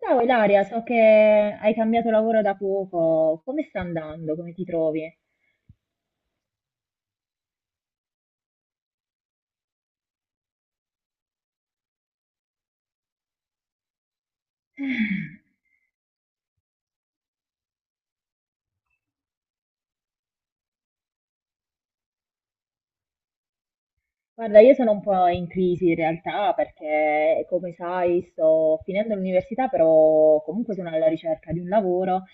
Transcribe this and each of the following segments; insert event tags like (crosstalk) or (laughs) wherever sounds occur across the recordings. Ciao Ilaria, so che hai cambiato lavoro da poco, come sta andando? Come ti trovi? (sighs) Guarda, io sono un po' in crisi in realtà perché, come sai, sto finendo l'università, però comunque sono alla ricerca di un lavoro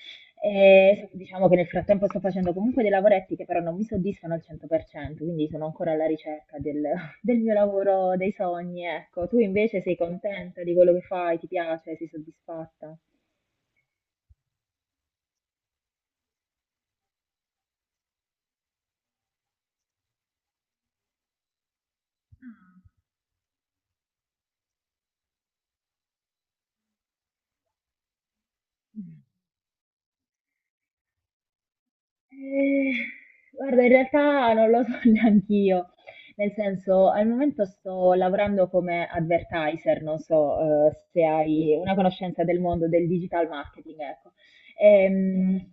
e so, diciamo che nel frattempo sto facendo comunque dei lavoretti che però non mi soddisfano al 100%, quindi sono ancora alla ricerca del, (laughs) del mio lavoro, dei sogni, ecco. Tu invece sei contenta di quello che fai, ti piace, sei soddisfatta? Eh, Guarda, in realtà non lo so (laughs) neanch'io, nel senso, al momento sto lavorando come advertiser, non so, se hai una conoscenza del mondo del digital marketing, ecco. Ehm,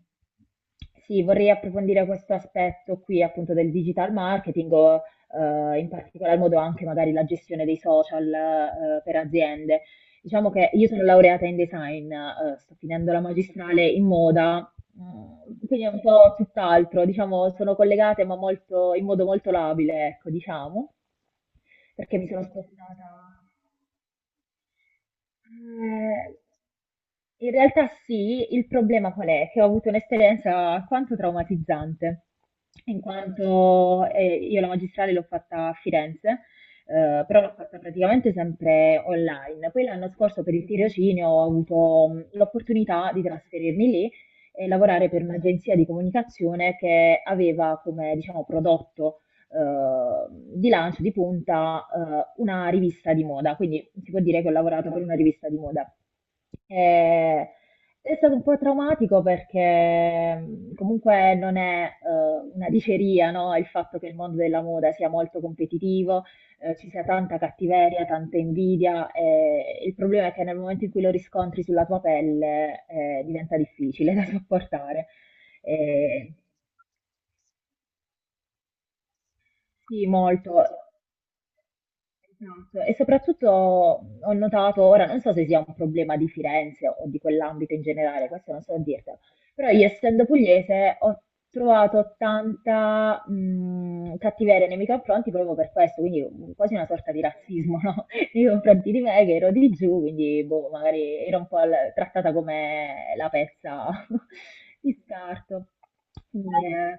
sì, vorrei approfondire questo aspetto qui appunto del digital marketing o in particolar modo anche magari la gestione dei social per aziende. Diciamo che io sono laureata in design, sto finendo la magistrale in moda. Mm, quindi è un po' tutt'altro, diciamo, sono collegate ma molto, in modo molto labile, ecco, diciamo, perché mi sono spostata. Eh, In realtà sì, il problema qual è? Che ho avuto un'esperienza alquanto traumatizzante, in quanto io la magistrale l'ho fatta a Firenze, però l'ho fatta praticamente sempre online. Poi l'anno scorso per il tirocinio ho avuto l'opportunità di trasferirmi lì e lavorare per un'agenzia di comunicazione che aveva come, diciamo, prodotto eh, di lancio, di punta, una rivista di moda, quindi si può dire che ho lavorato per una rivista di moda. Eh, è stato un po' traumatico perché comunque non è una diceria, no? Il fatto che il mondo della moda sia molto competitivo, ci sia tanta cattiveria, tanta invidia, e il problema è che nel momento in cui lo riscontri sulla tua pelle diventa difficile (laughs) da sopportare. Eh, sì, molto. Esatto. E soprattutto ho notato, ora non so se sia un problema di Firenze o di quell'ambito in generale, questo non so dirtelo, però io essendo pugliese ho trovato tanta cattiveria nei miei confronti proprio per questo, quindi quasi una sorta di razzismo, no? (laughs) Nei confronti di me che ero di giù, quindi boh, magari ero un po' trattata come la pezza (laughs) di scarto. Quindi,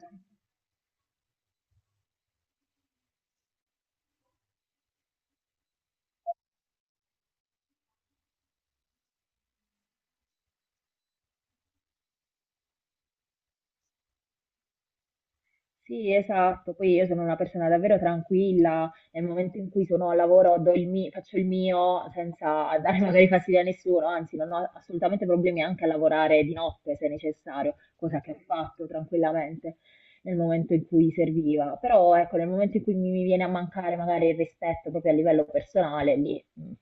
sì, esatto. Poi io sono una persona davvero tranquilla, nel momento in cui sono al lavoro do faccio il mio senza dare magari fastidio a nessuno, anzi non ho assolutamente problemi anche a lavorare di notte se necessario, cosa che ho fatto tranquillamente nel momento in cui serviva. Però ecco, nel momento in cui mi viene a mancare magari il rispetto proprio a livello personale, lì mm,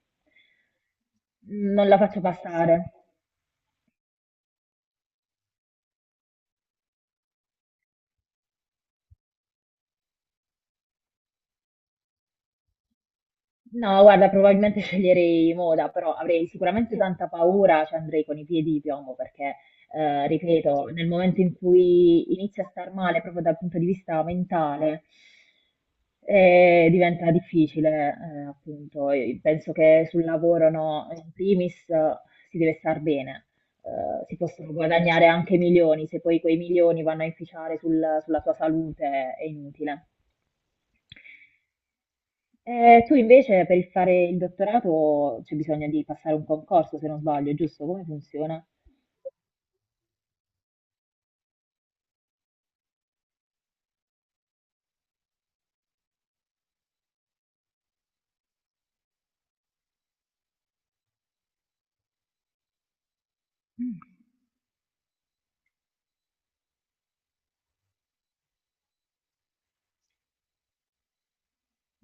non la faccio Eh sì. passare. No, guarda, probabilmente sceglierei moda, però avrei sicuramente tanta paura, ci andrei con i piedi di piombo perché, ripeto, nel momento in cui inizia a star male proprio dal punto di vista mentale, diventa difficile, appunto. Io penso che sul lavoro, no, in primis, si deve star bene, si possono guadagnare anche milioni, se poi quei milioni vanno a inficiare sulla tua salute è inutile. Tu invece per il fare il dottorato c'è bisogno di passare un concorso, se non sbaglio, giusto? Come funziona? Mm,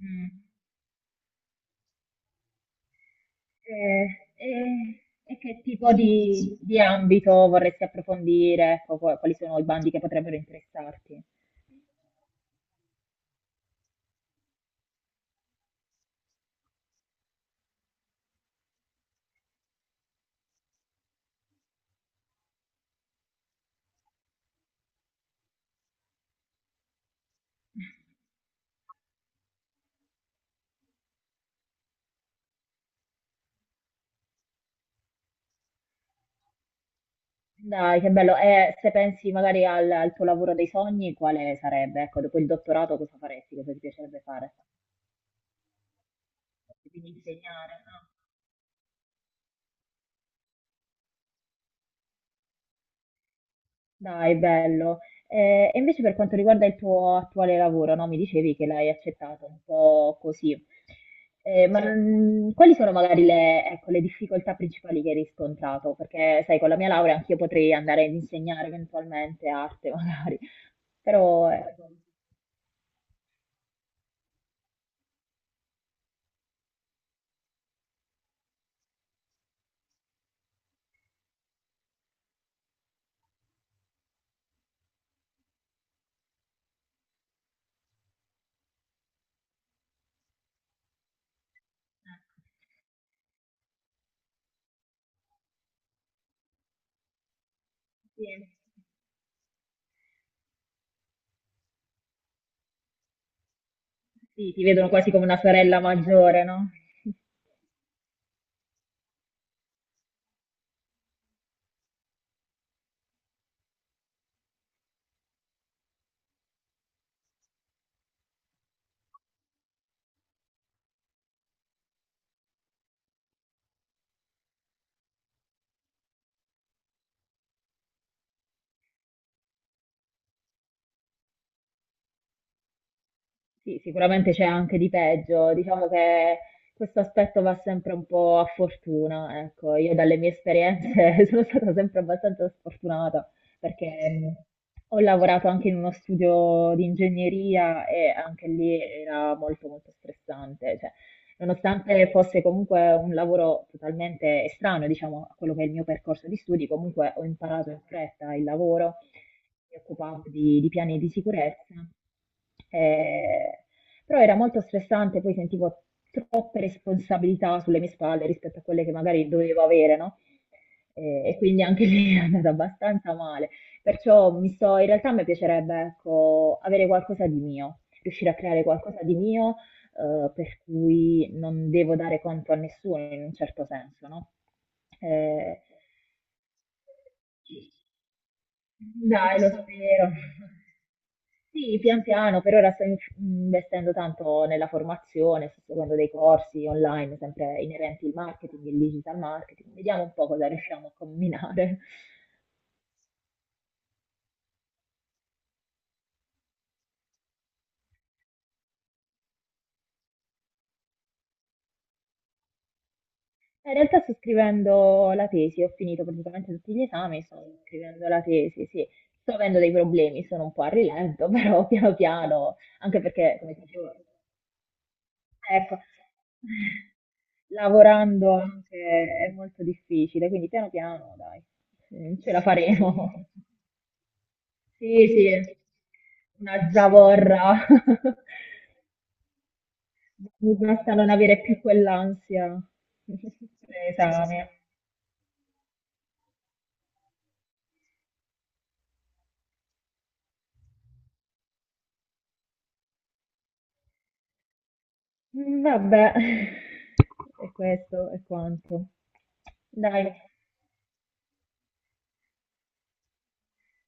mm. Eh, e che tipo di ambito vorresti approfondire? Ecco, quali sono i bandi che potrebbero interessarti? Dai, che bello. E se pensi magari al, al tuo lavoro dei sogni, quale sarebbe? Ecco, dopo il dottorato cosa faresti? Cosa ti piacerebbe fare? Quindi insegnare? No? Dai, bello. E invece per quanto riguarda il tuo attuale lavoro, no? Mi dicevi che l'hai accettato un po' così. Ma sì. Non- quali sono magari le, ecco, le difficoltà principali che hai riscontrato? Perché, sai, con la mia laurea anch'io potrei andare ad insegnare eventualmente arte, (laughs) magari. Però, ecco, sì, sì, ti vedono quasi come una sorella maggiore, no? Sì, sicuramente c'è anche di peggio, diciamo che questo aspetto va sempre un po' a fortuna, ecco, io dalle mie esperienze (laughs) sono stata sempre abbastanza sfortunata perché ho lavorato anche in uno studio di ingegneria e anche lì era molto molto stressante, cioè, nonostante fosse comunque un lavoro totalmente estraneo, diciamo, a quello che è il mio percorso di studi, comunque ho imparato in fretta il lavoro. Mi occupavo di piani di sicurezza, eh, però era molto stressante, poi sentivo troppe responsabilità sulle mie spalle rispetto a quelle che magari dovevo avere, no? E quindi anche lì (laughs) è andata abbastanza male. Perciò mi sto, in realtà mi piacerebbe, ecco, avere qualcosa di mio, riuscire a creare qualcosa di mio, per cui non devo dare conto a nessuno in un certo senso, no? Eh, Dai, lo spero. Sì, pian piano, per ora sto investendo tanto nella formazione, sto seguendo dei corsi online sempre inerenti al marketing, il digital marketing, vediamo un po' cosa riusciamo a combinare. In realtà sto scrivendo la tesi, ho finito praticamente tutti gli esami, sto scrivendo la tesi, sì. Sto avendo dei problemi, sono un po' a rilento, (laughs) però piano piano, anche perché, come ti dicevo, ecco, (laughs) lavorando anche è molto difficile, quindi piano piano, dai, mm, ce la faremo. (laughs) Sì, sì, una zavorra. (laughs) Mi basta non avere più quell'ansia (laughs) dell'esame. Mm, vabbè, (laughs) e questo è quanto. Dai,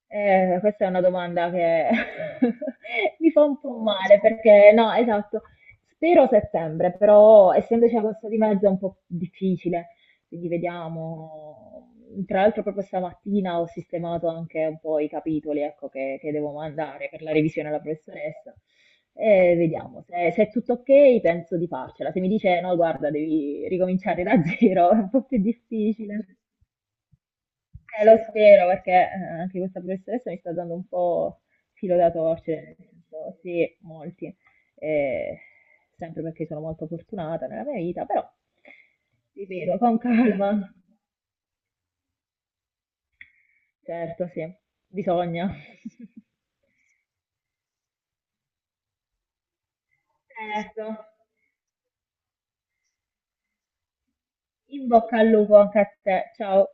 Questa è una domanda che (laughs) mi fa un po' male perché no, esatto, spero settembre, però essendoci agosto di mezzo è un po' difficile, quindi vediamo. Tra l'altro proprio stamattina ho sistemato anche un po' i capitoli, ecco, che devo mandare per la revisione alla professoressa. E vediamo, se, se è tutto ok penso di farcela. Se mi dice no, guarda, devi ricominciare da zero, (laughs) è un po' più difficile. Lo spero perché anche questa professoressa mi sta dando un po' filo da torcere, nel senso, sì, molti, eh, sempre perché sono molto fortunata nella mia vita, però ripeto, con calma, certo, sì, bisogna. (laughs) Certo, in bocca al lupo anche a te, ciao.